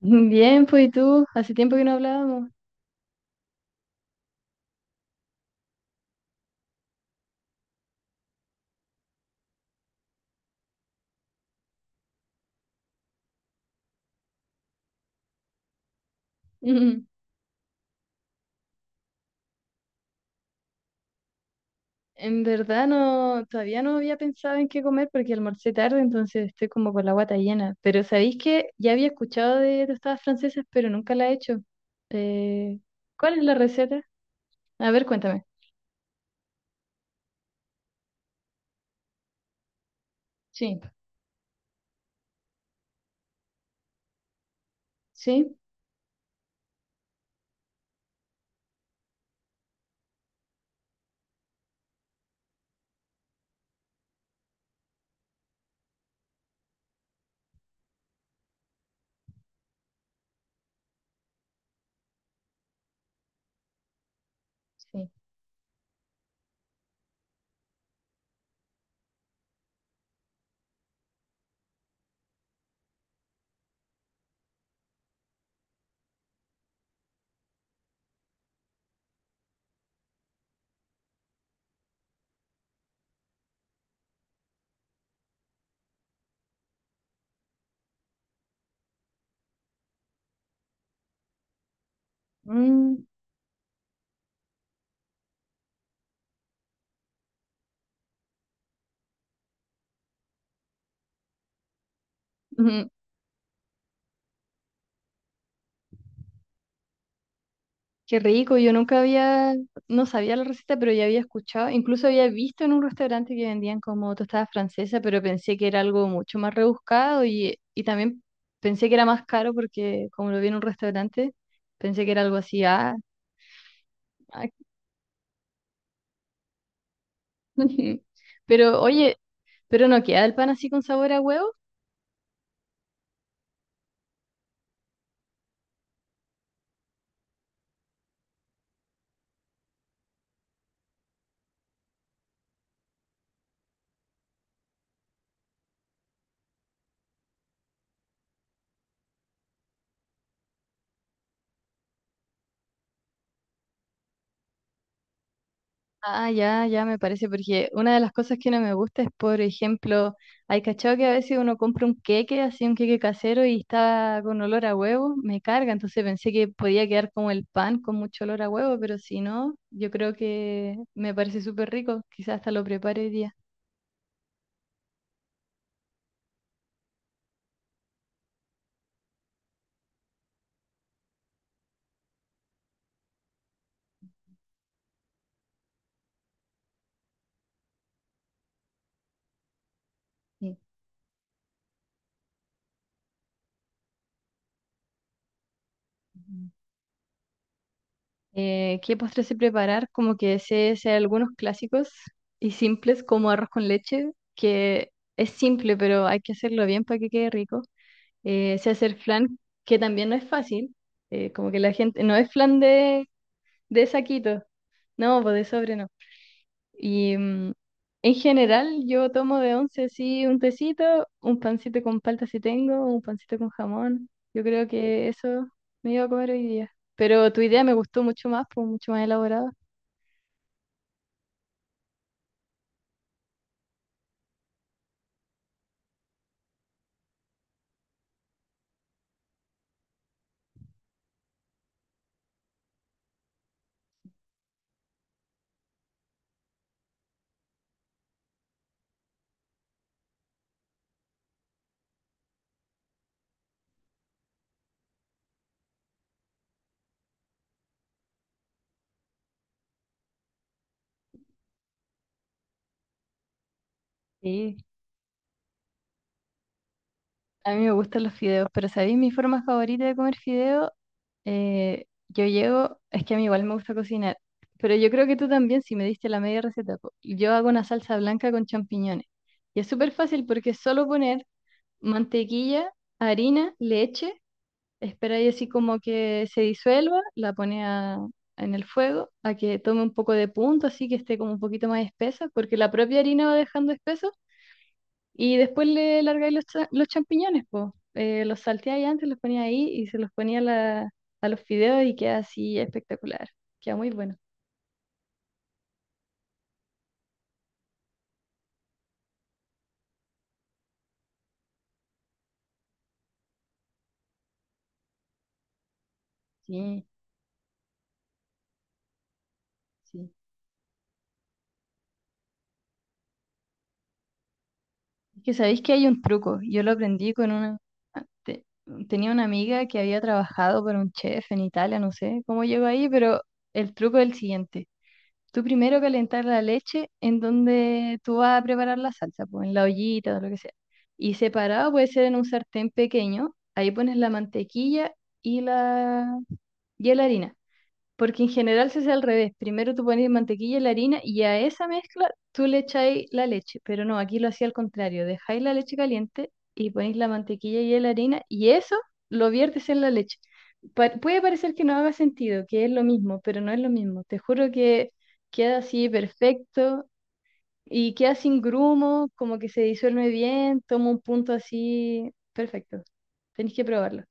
Bien, pues ¿y tú? Hace tiempo que no hablábamos. En verdad no, todavía no había pensado en qué comer porque almorcé tarde, entonces estoy como con la guata llena. Pero ¿sabéis que ya había escuchado de tostadas francesas, pero nunca la he hecho? Eh, ¿Cuál es la receta? A ver, cuéntame. Sí, sí, sí. Mm. Qué rico, yo nunca había, no sabía la receta, pero ya había escuchado, incluso había visto en un restaurante que vendían como tostada francesa, pero pensé que era algo mucho más rebuscado y también pensé que era más caro porque como lo vi en un restaurante, pensé que era algo así, ah, ah. Pero oye, pero no queda el pan así con sabor a huevo. Ah, ya, ya me parece, porque una de las cosas que no me gusta es, por ejemplo, hay cachado que a veces uno compra un queque, así un queque casero y está con olor a huevo, me carga, entonces pensé que podía quedar como el pan con mucho olor a huevo, pero si no, yo creo que me parece súper rico, quizás hasta lo prepare hoy día. Sí. Ujú. ¿Qué postre sé preparar? Como que sé, sé algunos clásicos y simples, como arroz con leche, que es simple, pero hay que hacerlo bien para que quede rico. Sé hacer flan, que también no es fácil. Como que la gente, no es flan de saquito, no, pues de sobre no. Y en general yo tomo de once sí un tecito, un pancito con palta si tengo, un pancito con jamón. Yo creo que eso me iba a comer hoy día. Pero tu idea me gustó mucho más, pues mucho más elaborada. Sí. A mí me gustan los fideos, pero ¿sabéis mi forma favorita de comer fideo? Yo llego, es que a mí igual me gusta cocinar, pero yo creo que tú también, si me diste la media receta, po. Yo hago una salsa blanca con champiñones. Y es súper fácil porque es solo poner mantequilla, harina, leche, esperáis así como que se disuelva, en el fuego, a que tome un poco de punto, así que esté como un poquito más espesa, porque la propia harina va dejando espeso y después le largáis los champiñones, po. Los salteáis antes, los ponía ahí y se los ponía a la- a los fideos y queda así espectacular. Queda muy bueno. Sí, sí. Es que sabéis que hay un truco. Yo lo aprendí con una, ah, te- tenía una amiga que había trabajado para un chef en Italia, no sé cómo llegó ahí, pero el truco es el siguiente. Tú primero calentar la leche en donde tú vas a preparar la salsa, pues en la ollita o lo que sea. Y separado puede ser en un sartén pequeño. Ahí pones la mantequilla y y la harina. Porque en general se hace al revés. Primero tú pones mantequilla y la harina y a esa mezcla tú le echáis la leche. Pero no, aquí lo hacía al contrario. Dejáis la leche caliente y ponéis la mantequilla y la harina y eso lo viertes en la leche. Puede parecer que no haga sentido, que es lo mismo, pero no es lo mismo. Te juro que queda así perfecto y queda sin grumos como que se disuelve bien, toma un punto así perfecto. Tenéis que probarlo.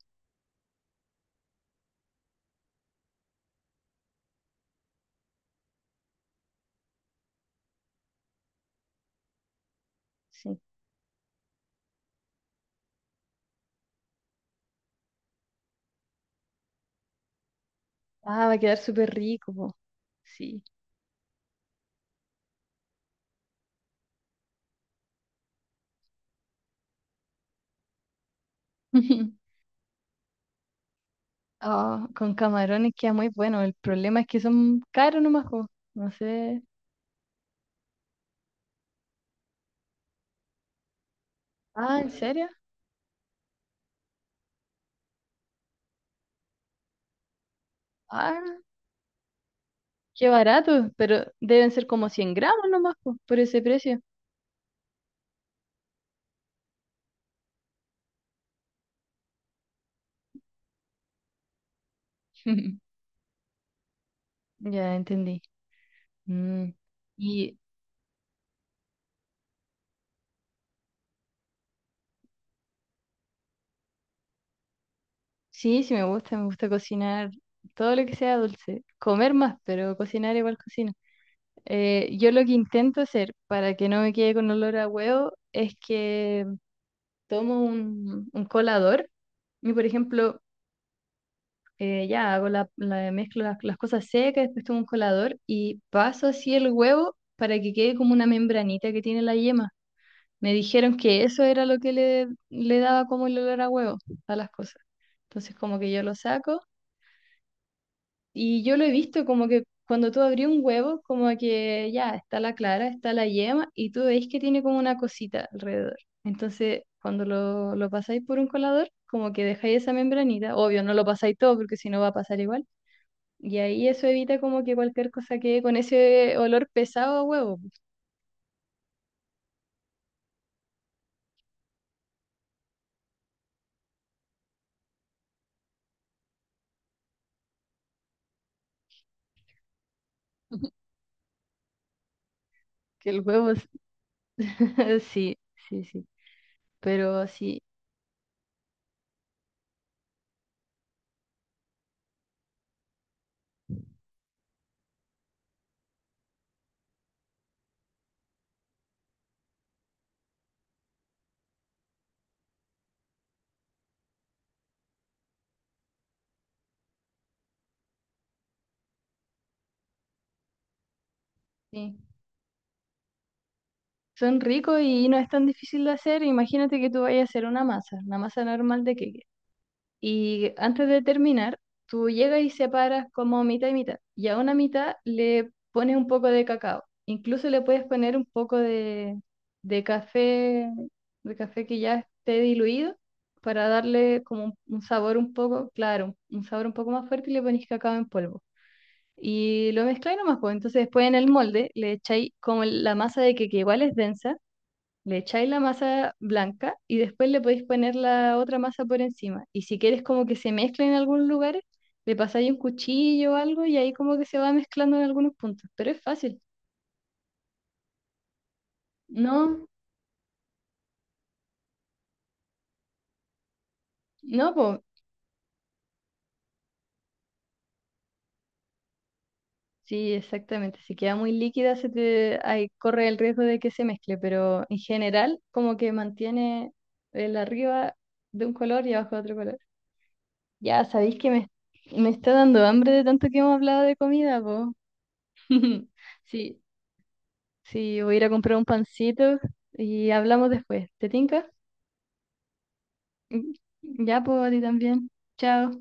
Sí. Ah, va a quedar súper rico, po. Sí. Ah, con camarones queda muy bueno. El problema es que son caros nomás, po. No sé. Ah, ¿en serio? Ah, qué barato. Pero deben ser como 100 gramos nomás, po, por ese precio. Ya entendí. Mm. Y sí, sí me gusta cocinar todo lo que sea dulce. Comer más, pero cocinar igual cocino. Yo lo que intento hacer para que no me quede con olor a huevo es que tomo un colador y, por ejemplo, ya hago mezclo las cosas secas, después tomo un colador y paso así el huevo para que quede como una membranita que tiene la yema. Me dijeron que eso era lo que le daba como el olor a huevo a las cosas. Entonces como que yo lo saco y yo lo he visto como que cuando tú abrí un huevo, como que ya está la clara, está la yema y tú veis que tiene como una cosita alrededor. Entonces cuando lo pasáis por un colador, como que dejáis esa membranita, obvio no lo pasáis todo porque si no va a pasar igual y ahí eso evita como que cualquier cosa quede con ese olor pesado a huevo. Que el huevo, sí, sí, sí. Pero sí, sí. Son ricos y no es tan difícil de hacer. Imagínate que tú vayas a hacer una masa normal de queque. Y antes de terminar, tú llegas y separas como mitad y mitad. Y a una mitad le pones un poco de cacao. Incluso le puedes poner un poco de, de café, de café que ya esté diluido, para darle como un sabor un poco, claro, un sabor un poco más fuerte y le pones cacao en polvo. Y lo mezcláis nomás, pues. Entonces después en el molde le echáis como la masa de que igual es densa, le echáis la masa blanca y después le podéis poner la otra masa por encima. Y si quieres como que se mezcle en algunos lugares, le pasáis un cuchillo o algo y ahí como que se va mezclando en algunos puntos. Pero es fácil. No, no, pues sí, exactamente. Si queda muy líquida, se te, ahí corre el riesgo de que se mezcle, pero en general como que mantiene el arriba de un color y abajo de otro color. Ya, sabéis que me está dando hambre de tanto que hemos hablado de comida, pues. Sí. Sí, voy a ir a comprar un pancito y hablamos después. ¿Te tinca? Mm, ya, pues, a ti también. Chao.